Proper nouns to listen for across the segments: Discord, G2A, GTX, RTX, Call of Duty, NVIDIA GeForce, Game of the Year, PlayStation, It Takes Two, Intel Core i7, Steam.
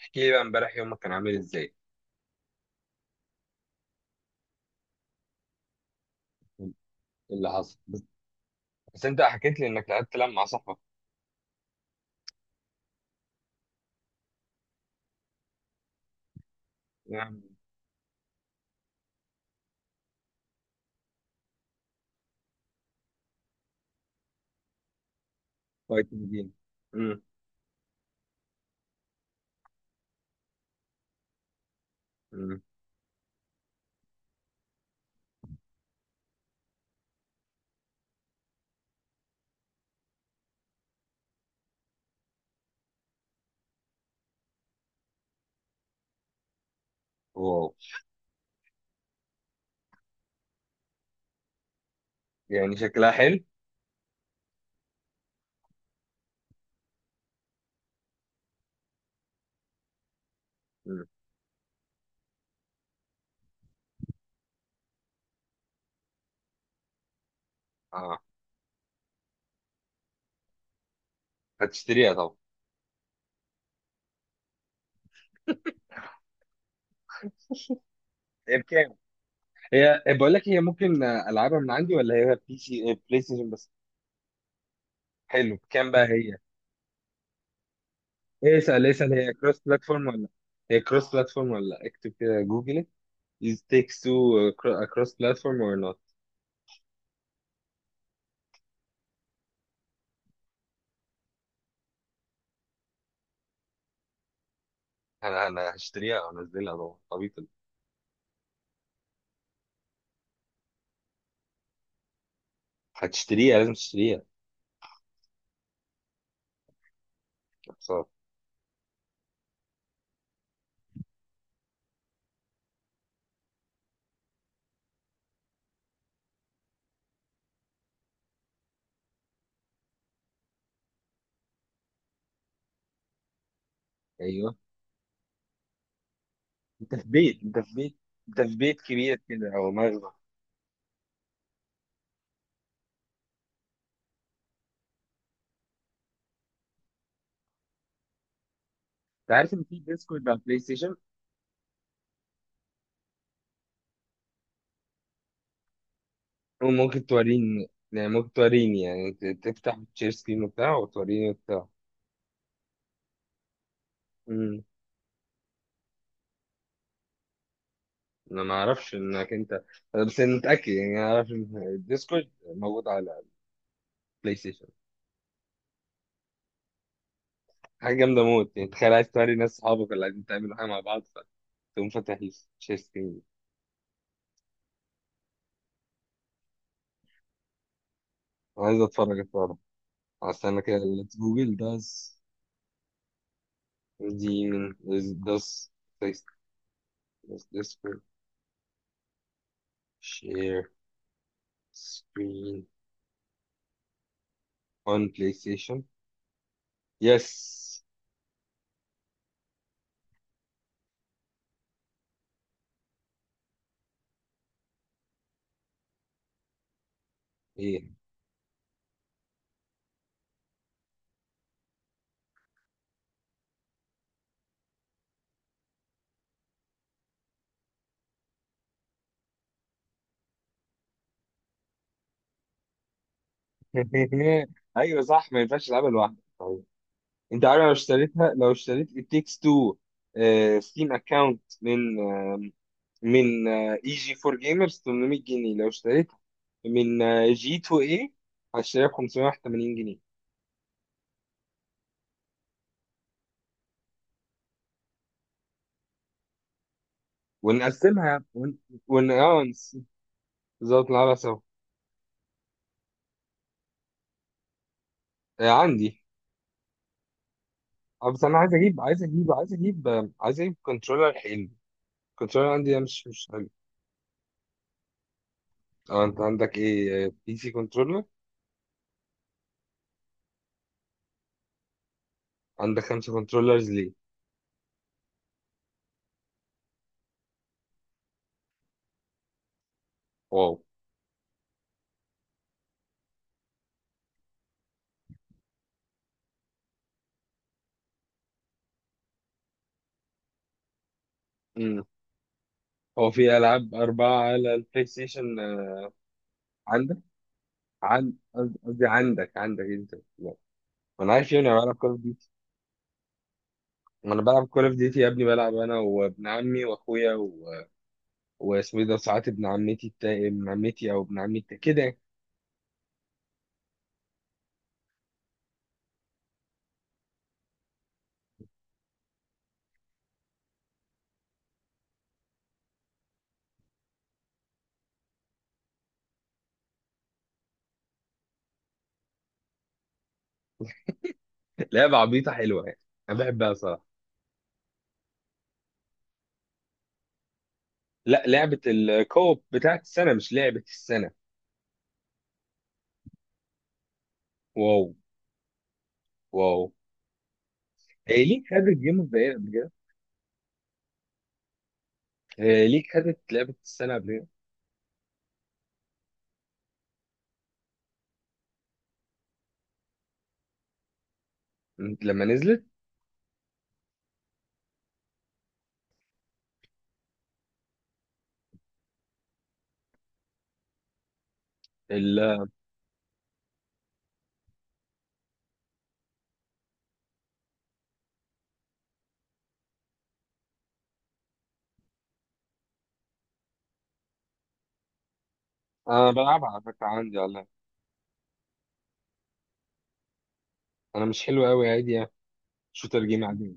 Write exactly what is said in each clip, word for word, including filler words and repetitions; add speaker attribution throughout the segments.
Speaker 1: احكي لي بقى امبارح يومك كان عامل ازاي؟ إيه اللي حصل؟ بس, بس انت حكيت لي انك لعبت لعب مع صاحبك. نعم. فايتنج جيم. امم امم واو، يعني شكلها حلو. امم اه هتشتريها طبعا. هي بكام؟ هي هي بقول لك، هي ممكن آه، العبها من عندي ولا هي بي سي آه، بلاي ستيشن بس؟ حلو، بكام بقى هي؟ ايه، اسال اسال. هي كروس بلاتفورم ولا؟ هي كروس بلاتفورم ولا لأ؟ اكتب كده جوجل: از تيكس تو كروس بلاتفورم اور نوت. انا انا هشتريها وانزلها طبعا، طبيعي. هتشتريها، لازم تشتريها. ايوه، انت في بيت انت في بيت، انت في بيت كبير كده او مغنى. انت عارف ان في ديسكورد على بلاي ستيشن؟ وممكن توريني، يعني ممكن توريني، يعني ت- تفتح تشير سكرين وبتاع، وتوريني وبتاع. امم انا ما اعرفش انك انت. أنا بس انا متاكد، يعني انا اعرف ان الديسكورد موجود على بلاي ستيشن. حاجه جامده موت، يعني تخيل عايز توري ناس صحابك اللي قاعدين تعملوا حاجه مع بعض، فتقوم فاتح تشير سكرين. عايز اتفرج، اتفرج استنى كده، ليتس جوجل داز. دي من داز. داز share screen on PlayStation. يس. ايه. ايوه صح، ما ينفعش العبها لوحدك. طيب، انت عارف لو اشتريتها، لو اشتريت It Takes Two ستيم اكونت من آه، من اي جي فور جيمرز تمنمية جنيه، لو اشتريتها من جي تو اي هشتريها ب خمسمية وواحد وتمانين جنيه. ونقسمها ون ون- اه نس- بالظبط، نلعبها سوا. آه، عندي. آه، بس انا عايز اجيب، عايز اجيب، عايز اجيب آه، عايز اجيب كنترولر حلو. كنترولر عندي ده مش مش حلو. اه، انت عندك ايه؟ بي سي كنترولر؟ عندك خمسة كنترولرز ليه؟ واو. امم هو في العاب اربعة على البلاي ستيشن آه، عندك؟ عن قصدي قصدي عندك عندك انت، لا. ما انا عارف، يعني انا بلعب كول اوف ديوتي. ما انا بلعب كول اوف ديوتي يا ابني، بلعب انا وابن عمي واخويا و... واسمه ايه ده ساعات ابن عمتي التا... ابن عمتي او ابن عمي التا... كده يعني. لعبة عبيطة حلوة، يعني انا بحبها صراحة. لا، لعبة الكوب بتاعت السنة، مش لعبة السنة. واو. واو. إيه ليك خدت جيم اوف ذا يير قبل كده؟ إيه ليك خدت لعبة السنة قبل كده؟ م- لما نزلت. ال- أنا بلعبها على فكرة، عندي والله. أنا مش حلو أوي، عادي يعني. شوتر جيم عادي.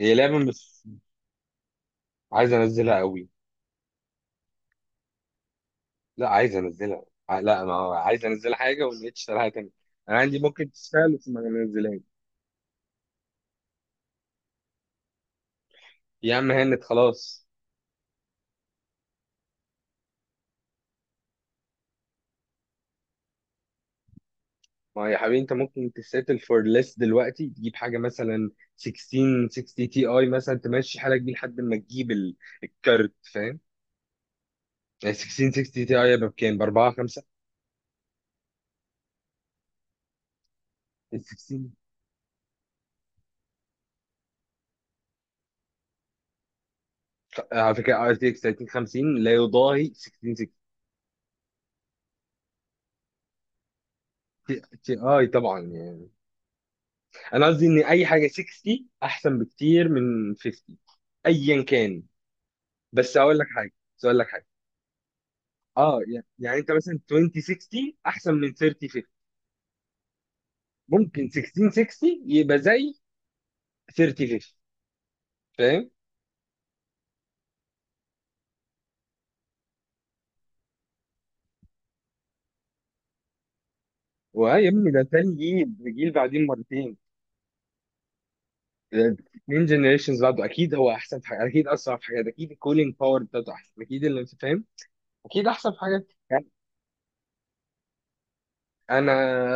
Speaker 1: هي لعبة مش... عايز أنزلها أوي. لا، عايز أنزلها، ع- لا أنا عايز أنزل حاجة وما لقيتش شغالة تاني. أنا عندي ممكن تشتغل بس ما نزلهاش. يا عم هانت خلاص. ما يا حبيبي، أنت ممكن تسيتل فور ليس دلوقتي، تجيب حاجة مثلا ستاشر ستين تي أي، مثلا تمشي حالك بيه لحد ما تجيب ال- الكارت، فاهم. ال ون سيكس سيكس زيرو تي اي بكام؟ ب اربعة خمسة. ال ستاشر. على فكره ار تي اكس ثلاثين خمسين لا يضاهي ستاشر ستين تي اي طبعا، يعني انا قصدي ان اي حاجه ستين احسن بكتير من خمسين، ايا كان. بس هقول لك حاجه بس هقول لك حاجه. اه، يعني يعني انت مثلا الفين وستين احسن من ثلاثين خمسين، ممكن ستاشر ستين يبقى زي ثلاثين خمسين، فاهم؟ واه يا ابني، ده تاني جيل، ده جيل بعدين مرتين. اتنين جنريشنز بعده، اكيد هو احسن في حاجات، اكيد اسرع في حاجات، اكيد الكولينج باور بتاعته احسن، اكيد اللي انت فاهم اكيد احسن في حاجات، يعني. انا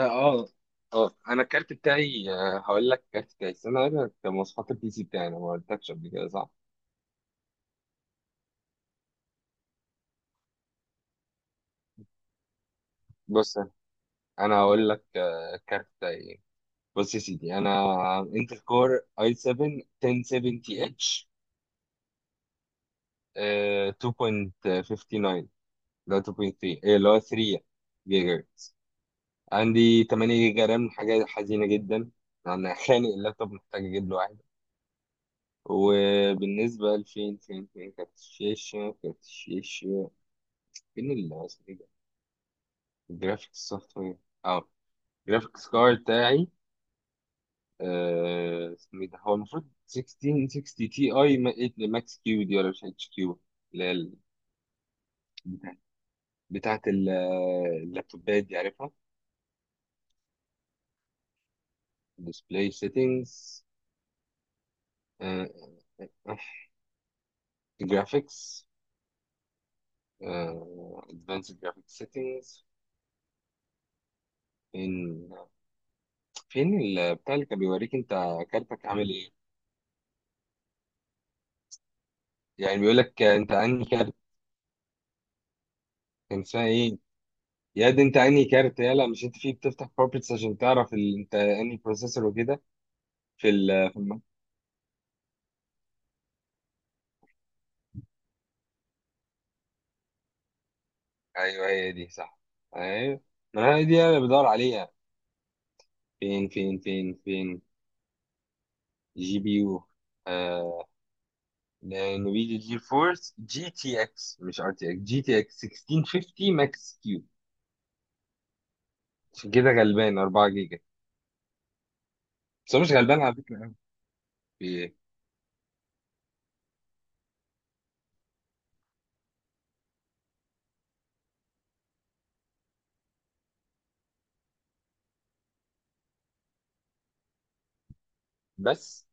Speaker 1: اه اه انا الكارت بتاعي آه، هقول لك الكارت بتاعي، استنى اقول لك مواصفات البي سي بتاعي، انا ما قلتلكش قبل كده صح؟ بص، انا هقول لك آه، الكارت بتاعي إيه. بص يا سيدي، انا انتل كور اي سفن عشرة سبعين اتش اتنين نقطة خمسة تسعة، لا اتنين نقطة تلاتة، إيه، اللي هو ثلاثة جيجا. عندي تمنية جيجا رام، حاجة حزينة جدا. أنا خانق اللابتوب، محتاج أجيب له واحد. وبالنسبة لفين، فين فين كارت الشاشة، كارت الشاشة. فين ال اسمه إيه ده؟ الجرافيك سوفت وير. أه، الجرافيكس كارد بتاعي آه، اسمه إيه ده، هو المفروض ستاشر ستين تي أي ماكس كيو دي، ولا مش اتش كيو، اللي هي ال- بتاع- بتاعة ال- اللابتوبات دي، عارفها. ديسبلاي سيتنجز، جرافيكس، آه، advanced graphic settings. فين، فين ال- بتاع اللي كان بيوريك انت كارتك عامل ايه. يعني بيقول لك انت انهي كارت، كان اسمها ايه. يا دي، انت انهي كارت يلا، مش انت فيه بتفتح بروبرتس عشان تعرف ال... انت انهي بروسيسور وكده؟ في ال... في الم... ايوه، هي دي صح. ايوه، ما هي دي انا بدور عليها. فين فين فين فين جي بي يو. آه... نفيديا جي فورس جي تي اكس، مش ار تي اكس، جي تي اكس ستاشر خمسين ماكس كيو. عشان كده غلبان، اربعة جيجا. بس هو مش غلبان على فكرة أوي. في- إيه؟ بس،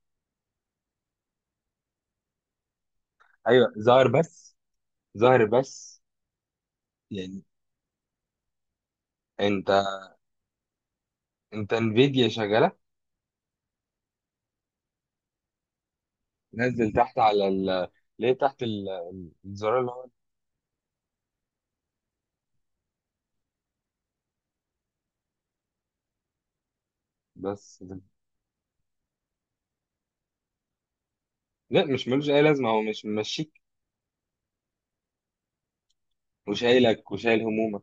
Speaker 1: أيوه ظاهر بس، ظاهر بس يعني. أنت، أنت انفيديا شغالة. نزل تحت على ال. ليه تحت ال- الزرار اللي هو. بس ده. لا، مش ملوش أي لازمة، هو مش ممشيك وشايلك وشايل همومك.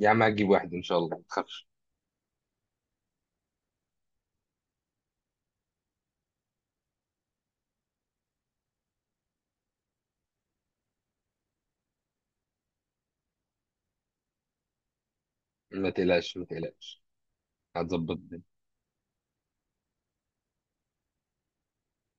Speaker 1: يا عم هتجيب واحد إن شاء الله، ما تخافش. ما تقلقش ما تقلقش، هتظبط.